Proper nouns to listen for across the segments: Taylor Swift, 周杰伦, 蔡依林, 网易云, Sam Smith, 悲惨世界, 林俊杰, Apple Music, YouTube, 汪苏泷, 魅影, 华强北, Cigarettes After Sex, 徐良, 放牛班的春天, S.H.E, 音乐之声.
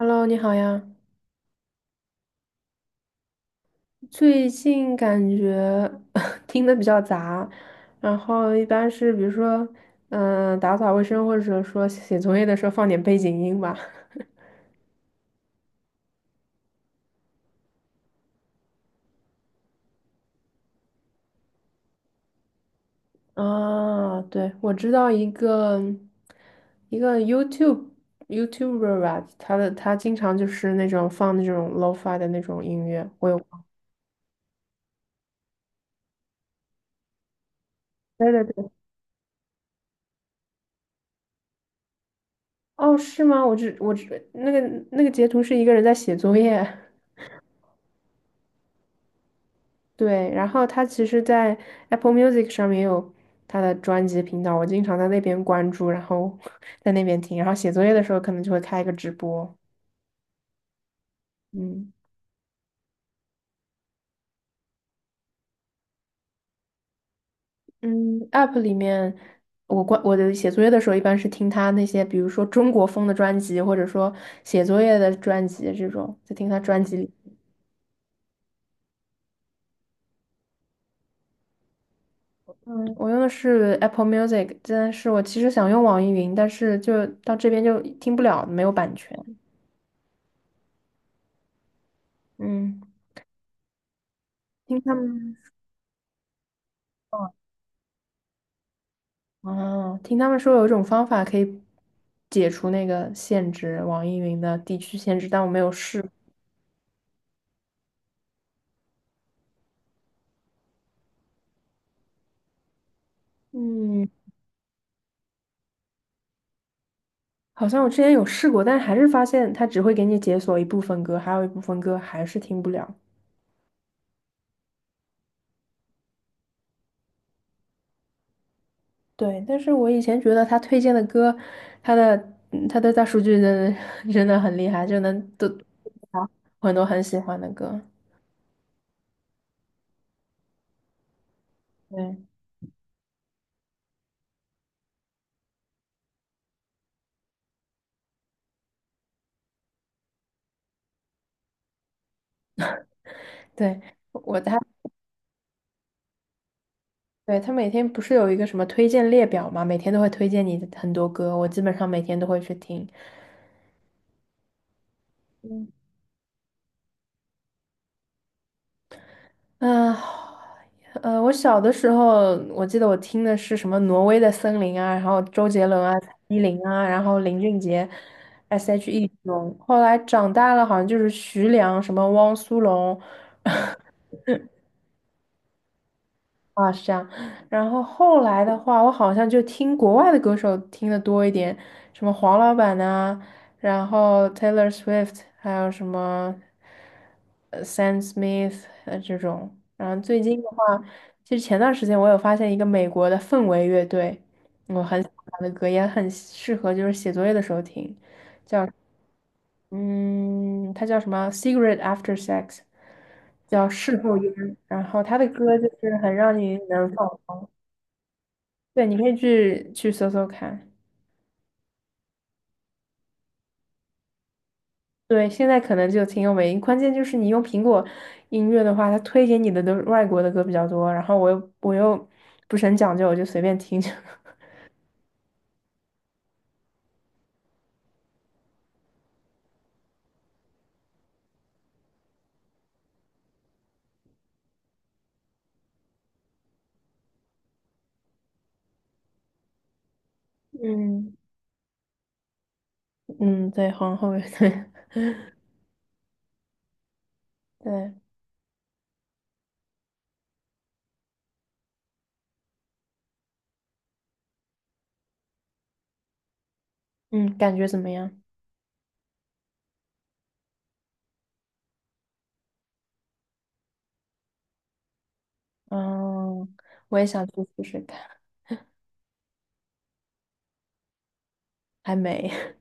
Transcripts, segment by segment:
Hello，你好呀。最近感觉 听的比较杂，然后一般是比如说，打扫卫生或者说写作业的时候放点背景音吧。啊，对，我知道一个 YouTuber 吧，他经常就是那种放那种 lo-fi 的那种音乐，我有。对对对。哦，是吗？我只那个那个截图是一个人在写作业。对，然后他其实，在 Apple Music 上面也有他的专辑频道，我经常在那边关注，然后 在那边听，然后写作业的时候可能就会开一个直播。嗯。嗯，App 里面，我的写作业的时候一般是听他那些，比如说中国风的专辑，或者说写作业的专辑这种，在听他专辑里。嗯，我用的是 Apple Music，但是我其实想用网易云，但是就到这边就听不了，没有版权。嗯，听他们。哦，听他们说有一种方法可以解除那个限制，网易云的地区限制，但我没有试。嗯，好像我之前有试过，但还是发现它只会给你解锁一部分歌，还有一部分歌还是听不了。对，但是我以前觉得他推荐的歌，他的他的大数据真的 真的很厉害，就能都很多很喜欢的歌。对对，我他。对，他每天不是有一个什么推荐列表嘛，每天都会推荐你的很多歌，我基本上每天都会去听。嗯。啊，我小的时候，我记得我听的是什么《挪威的森林》啊，然后周杰伦啊、蔡依林啊，然后林俊杰、S.H.E 这种。后来长大了，好像就是徐良、什么汪苏泷，啊，是这样。然后后来的话，我好像就听国外的歌手听的多一点，什么黄老板呐、然后 Taylor Swift，还有什么Sam Smith 这种。然后最近的话，其实前段时间我有发现一个美国的氛围乐队，我很喜欢他的歌，也很适合就是写作业的时候听。嗯，它叫什么 c i g a r e t After Sex，叫事后烟。然后他的歌就是很让你难放。对，你可以去搜搜看。对，现在可能就挺有美音，关键就是你用苹果音乐的话，它推给你的都是外国的歌比较多，然后我又不是很讲究，我就随便听。嗯。嗯，对，皇后，对对。嗯，感觉怎么样？嗯，我也想去试试看，还没。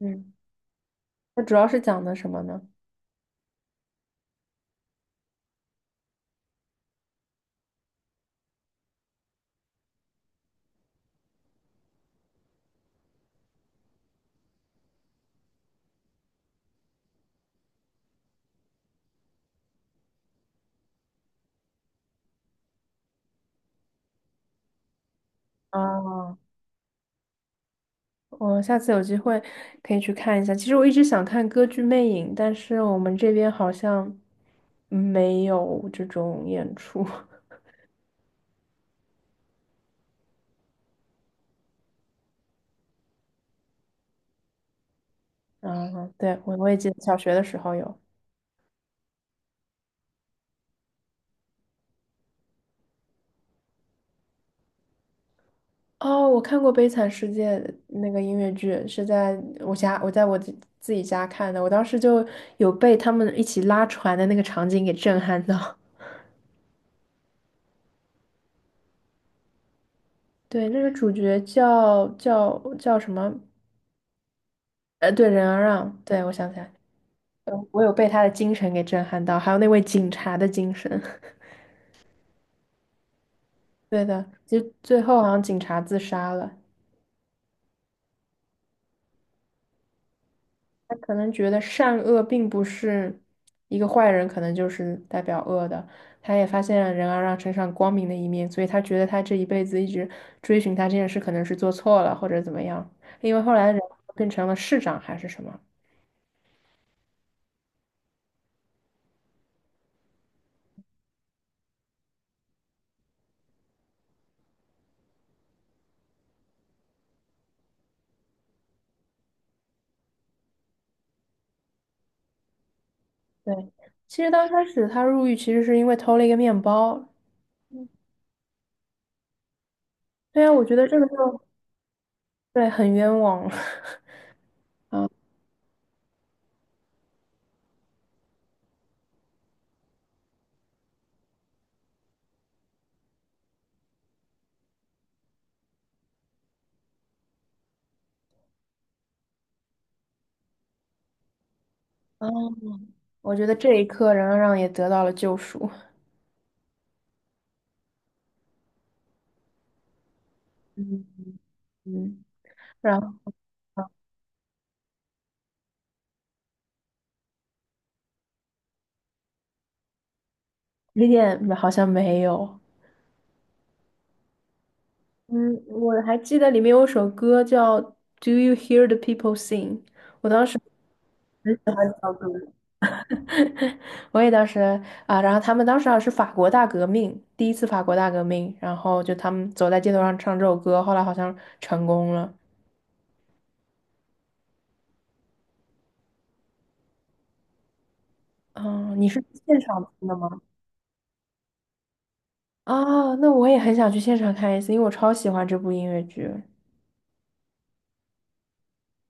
嗯，它主要是讲的什么呢？啊。我下次有机会可以去看一下。其实我一直想看歌剧《魅影》，但是我们这边好像没有这种演出。嗯，对，我也记得小学的时候有。哦，我看过《悲惨世界》那个音乐剧，是在我家，我在自己家看的。我当时就有被他们一起拉船的那个场景给震撼到。对，那个主角叫什么？对，任阿让。对，我想起来。我有被他的精神给震撼到，还有那位警察的精神。对的，就最后好像警察自杀了，他可能觉得善恶并不是一个坏人，可能就是代表恶的。他也发现了人要让身上光明的一面，所以他觉得他这一辈子一直追寻他这件事，可能是做错了或者怎么样。因为后来人变成了市长还是什么？对，其实刚开始他入狱其实是因为偷了一个面包。对啊，我觉得这个就对很冤枉。啊啊。我觉得这一刻冉让让也得到了救赎。嗯嗯，然后啊，雷点好像没有。嗯，我还记得里面有首歌叫《Do You Hear the People Sing》，我当时 喜欢这首歌。我也当时啊，然后他们当时好像是法国大革命，第一次法国大革命，然后就他们走在街头上唱这首歌，后来好像成功了。嗯，你是现场听的吗？啊，那我也很想去现场看一次，因为我超喜欢这部音乐剧。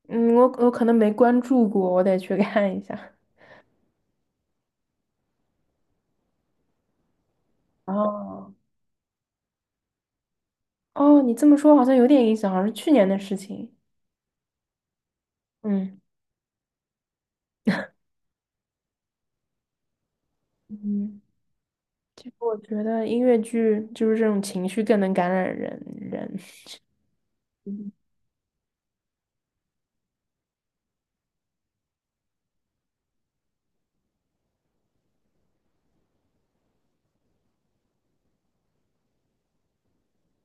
嗯，我可能没关注过，我得去看一下。哦，哦，你这么说好像有点印象，好像是去年的事情。嗯。嗯，其实我觉得音乐剧就是这种情绪更能感染人。嗯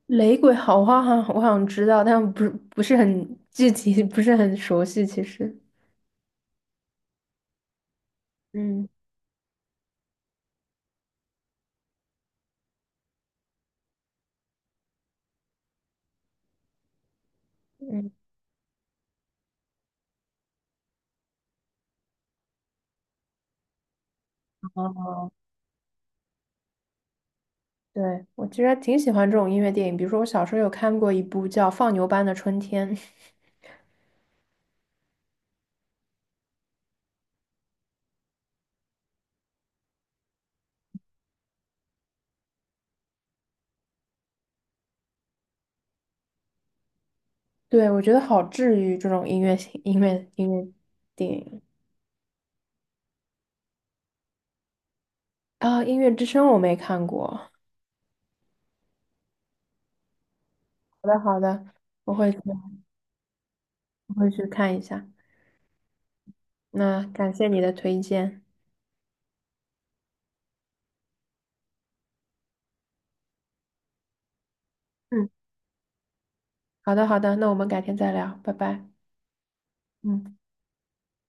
雷鬼好花我好像知道，但不是很具体，不是很熟悉。其实，嗯嗯，哦，对，我其实还挺喜欢这种音乐电影，比如说我小时候有看过一部叫《放牛班的春天》。对，我觉得好治愈这种音乐电影啊，《音乐之声》我没看过。好的，好的，我会去我会去看一下。那感谢你的推荐。嗯，好的，好的，那我们改天再聊，拜拜。嗯。